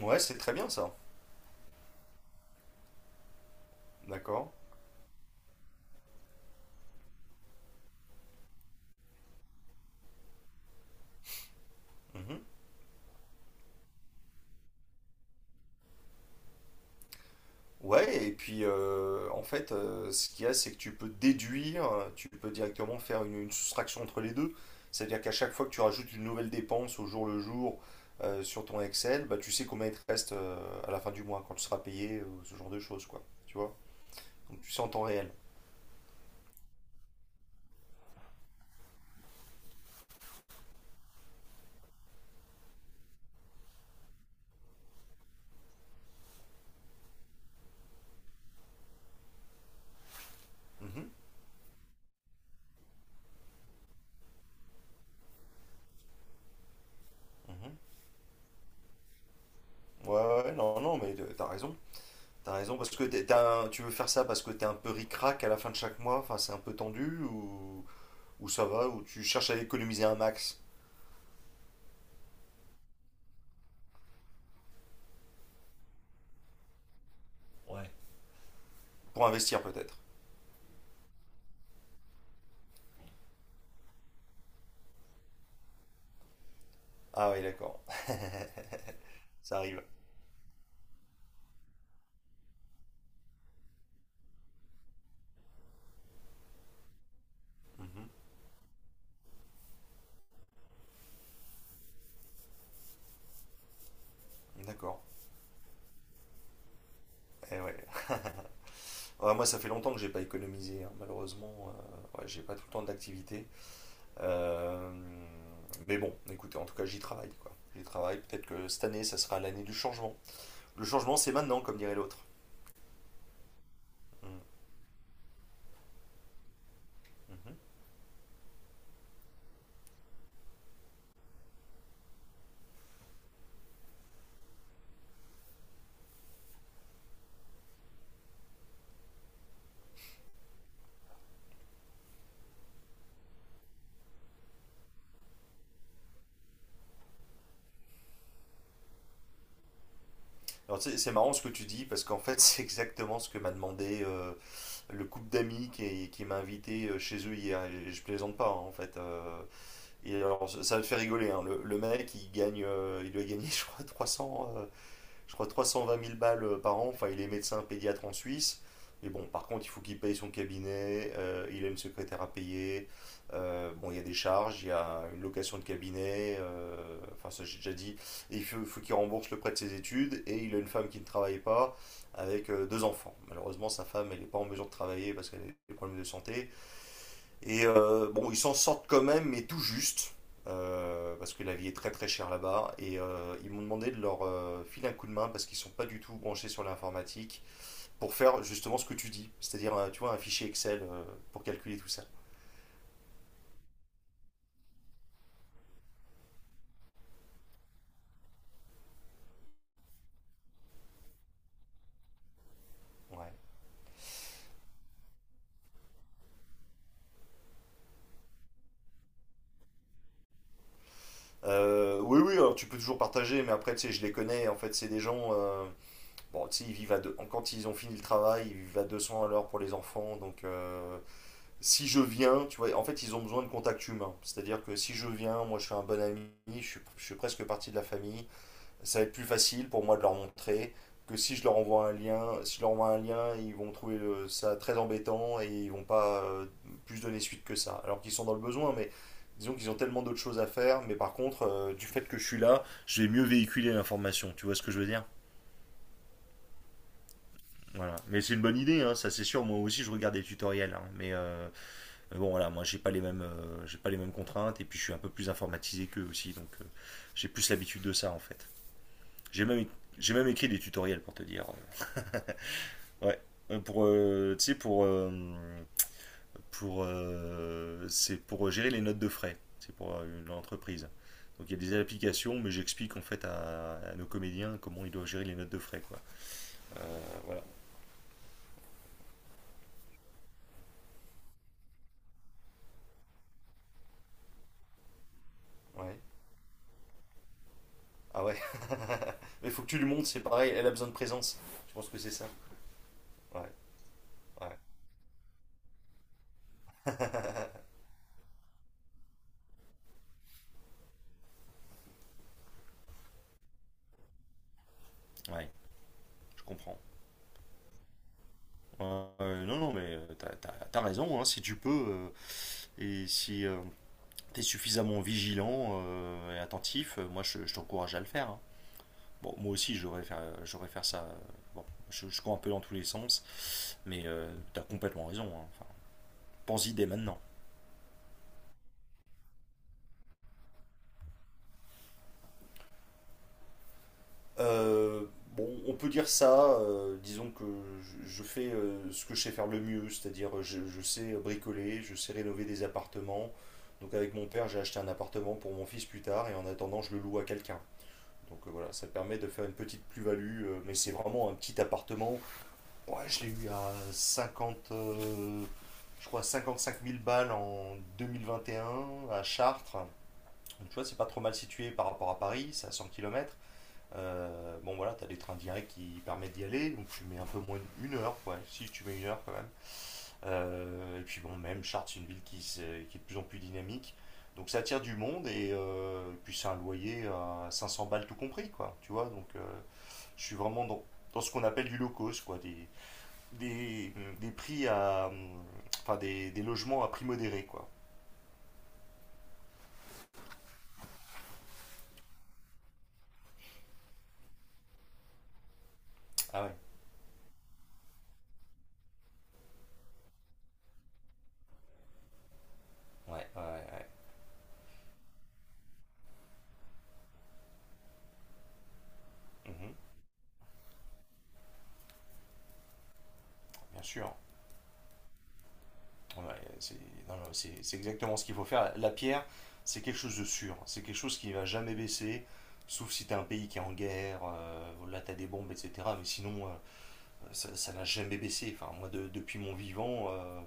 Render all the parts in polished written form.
Ouais, c'est très bien ça. D'accord. Mhm. Ouais, et puis en fait, ce qu'il y a, c'est que tu peux déduire, tu peux directement faire une soustraction entre les deux. C'est-à-dire qu'à chaque fois que tu rajoutes une nouvelle dépense au jour le jour sur ton Excel, bah, tu sais combien il te reste à la fin du mois quand tu seras payé, ce genre de choses, quoi. Tu vois? Donc tu sais en temps réel. Mhm, mhm. Ouais, ouais, ouais, non, non, mais t'as raison. T'as raison, parce que tu veux faire ça parce que t'es un peu ric-rac à la fin de chaque mois, enfin c'est un peu tendu ou. Où ça va, où tu cherches à économiser un max pour investir peut-être. Ah oui, d'accord, ça arrive. Mhm. D'accord. Eh ouais. Ouais, moi, ça fait longtemps que j'ai pas économisé, hein. Malheureusement, ouais, j'ai pas tout le temps d'activité. Euh, mais bon, écoutez, en tout cas, j'y travaille, quoi. J'y travaille. Peut-être que cette année, ça sera l'année du changement. Le changement, c'est maintenant, comme dirait l'autre. Mm, mhm. Alors, tu sais, c'est marrant ce que tu dis, parce qu'en fait, c'est exactement ce que m'a demandé le couple d'amis qui m'a invité chez eux hier. Et je plaisante pas, hein, en fait. Et alors, ça va te faire rigoler, hein. Le mec, il gagne, il doit gagner, je crois, 300, je crois, 320 000 balles par an. Enfin, il est médecin pédiatre en Suisse. Mais bon, par contre, il faut qu'il paye son cabinet, il a une secrétaire à payer. Bon, il y a des charges, il y a une location de cabinet, enfin, ça j'ai déjà dit. Et faut qu'il rembourse le prêt de ses études. Et il a une femme qui ne travaille pas avec deux enfants. Malheureusement, sa femme, elle n'est pas en mesure de travailler parce qu'elle a des problèmes de santé. Et bon, ils s'en sortent quand même, mais tout juste, parce que la vie est très très chère là-bas. Et ils m'ont demandé de leur filer un coup de main, parce qu'ils sont pas du tout branchés sur l'informatique, pour faire justement ce que tu dis, c'est-à-dire, tu vois, un fichier Excel pour calculer tout ça. Ouais. Oui, oui, alors tu peux toujours partager, mais après, tu sais, je les connais. En fait, c'est des gens, bon, tu sais, ils vivent à deux, quand ils ont fini le travail, ils vivent à 200 à l'heure pour les enfants, donc si je viens, tu vois, en fait, ils ont besoin de contact humain. C'est-à-dire que si je viens, moi, je suis un bon ami, je suis presque partie de la famille. Ça va être plus facile pour moi de leur montrer que si je leur envoie un lien, si je leur envoie un lien, ils vont ça très embêtant et ils vont pas plus donner suite que ça. Alors qu'ils sont dans le besoin, mais disons qu'ils ont tellement d'autres choses à faire. Mais par contre, du fait que je suis là, je vais mieux véhiculer l'information. Tu vois ce que je veux dire? Voilà. Mais c'est une bonne idée, hein, ça c'est sûr. Moi aussi, je regarde des tutoriels, hein, mais mais bon, voilà, moi, j'ai pas les mêmes contraintes et puis je suis un peu plus informatisé qu'eux aussi, donc j'ai plus l'habitude de ça en fait. J'ai même, j'ai même écrit des tutoriels pour te dire. Ouais. Tu sais, c'est pour gérer les notes de frais. C'est pour une entreprise. Donc il y a des applications, mais j'explique en fait à nos comédiens comment ils doivent gérer les notes de frais, quoi. Voilà. Ouais. Ah ouais. Mais faut que tu lui montres, c'est pareil. Elle a besoin de présence. Je pense que c'est ça. Ouais. Ouais. Ouais. Je comprends. Non, non, mais t'as raison, hein, si tu peux, et si t'es suffisamment vigilant et attentif, je t'encourage à le faire, hein. Bon, moi aussi, j'aurais faire ça. Bon, je cours un peu dans tous les sens, mais t'as complètement raison, hein. Enfin, pense-y dès maintenant. Euh, bon, on peut dire ça, disons que je fais ce que je sais faire le mieux, c'est-à-dire je sais bricoler, je sais rénover des appartements. Donc avec mon père, j'ai acheté un appartement pour mon fils plus tard, et en attendant, je le loue à quelqu'un. Donc voilà, ça permet de faire une petite plus-value, mais c'est vraiment un petit appartement. Ouais, je l'ai eu à 50 je crois 55 000 balles en 2021 à Chartres. Donc tu vois, c'est pas trop mal situé par rapport à Paris, c'est à 100 km. Bon voilà, t'as des trains directs qui permettent d'y aller, donc tu mets un peu moins d'une heure, ouais, si tu mets une heure quand même. Et puis bon, même Chartres, c'est une ville qui est de plus en plus dynamique. Donc ça attire du monde et puis c'est un loyer à 500 balles tout compris, quoi. Tu vois, donc je suis vraiment dans ce qu'on appelle du low cost, quoi, des, des prix à. Enfin, des logements à prix modéré, quoi. Ah ouais, ouais, ouais, ouais. Mhm, bien sûr. Ouais, c'est non, non, c'est exactement ce qu'il faut faire. La pierre, c'est quelque chose de sûr. C'est quelque chose qui ne va jamais baisser, sauf si tu as un pays qui est en guerre, là tu as des bombes, etc. Mais sinon, ça ça n'a jamais baissé. Enfin, moi, depuis mon vivant, euh.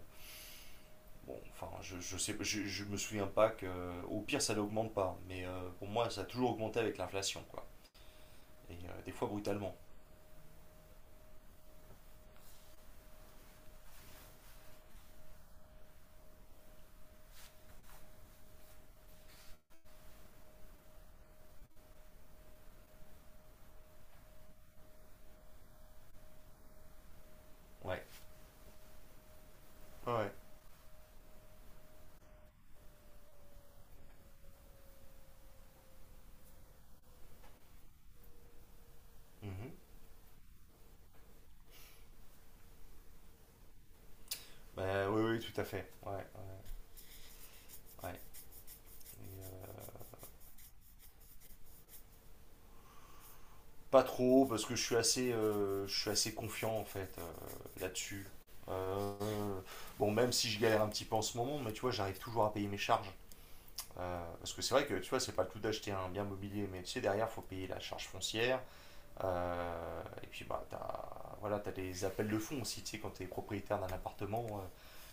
Bon, enfin, je me souviens pas que. Au pire, ça n'augmente pas. Mais pour moi, ça a toujours augmenté avec l'inflation, quoi. Et des fois brutalement. Ouais. Ouais. Mhm. Bah, oui, oui, tout à fait. Ouais, ouais, ouais. Et, pas trop, parce que je suis assez confiant, en fait, là-dessus. Euh, bon, même si je galère un petit peu en ce moment, mais tu vois, j'arrive toujours à payer mes charges. Parce que c'est vrai que, tu vois, c'est pas le tout d'acheter un bien mobilier, mais tu sais, derrière, faut payer la charge foncière. Et puis, bah, voilà, t'as des appels de fonds aussi, tu sais, quand t'es propriétaire d'un appartement,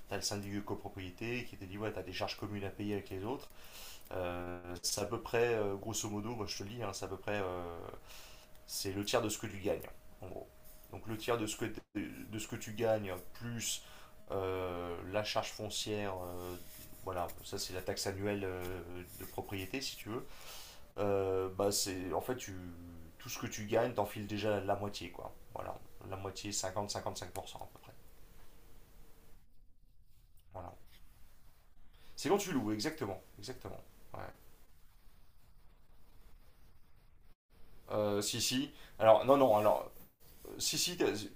t'as le syndic de copropriété qui te dit, ouais, t'as des charges communes à payer avec les autres. C'est à peu près, grosso modo, moi je te le dis, hein, c'est à peu près, c'est le tiers de ce que tu gagnes, en gros. Donc le tiers de ce que tu gagnes, plus la charge foncière, voilà, ça c'est la taxe annuelle de propriété, si tu veux. Bah c'est en fait tout ce que tu gagnes, t'enfiles déjà la moitié quoi. Voilà, la moitié 50 55% à peu près. Voilà. C'est quand tu loues, exactement, exactement. Ouais. Si si. Alors non non alors si si t'as-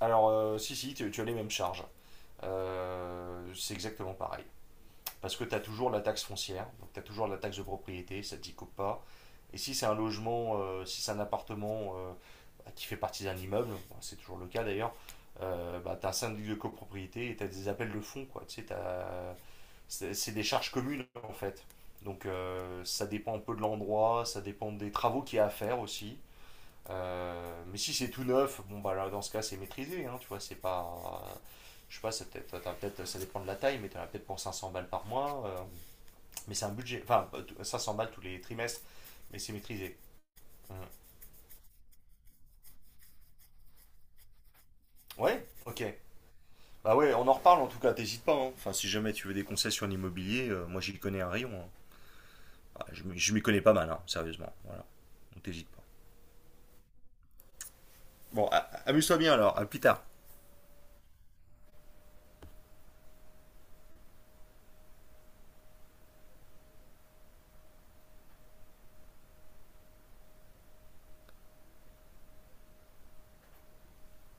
alors euh, si si tu, tu as les mêmes charges. C'est exactement pareil. Parce que tu as toujours la taxe foncière, donc tu as toujours la taxe de propriété, ça ne t'y coupe pas. Et si c'est un logement, si c'est un appartement bah, qui fait partie d'un immeuble, bon, c'est toujours le cas d'ailleurs, bah, tu as un syndic de copropriété et tu as des appels de fonds. Quoi. Tu sais, c'est des charges communes en fait. Donc ça dépend un peu de l'endroit, ça dépend des travaux qu'il y a à faire aussi. Mais si c'est tout neuf, bon bah là dans ce cas c'est maîtrisé, hein, tu vois, c'est pas. euh, je sais pas, t'as peut-être, ça dépend de la taille, mais t'en as peut-être pour 500 balles par mois. Mais c'est un budget, enfin pas tout- 500 balles tous les trimestres, mais c'est maîtrisé. Mhm. Ouais, ok. Bah ouais, on en reparle en tout cas, t'hésites pas, hein. Enfin, si jamais tu veux des conseils sur l'immobilier, moi j'y connais un rayon, hein. Ah, je m'y connais pas mal, hein, sérieusement. Voilà, donc t'hésites pas. Bon, a- amuse-toi bien alors, à plus tard.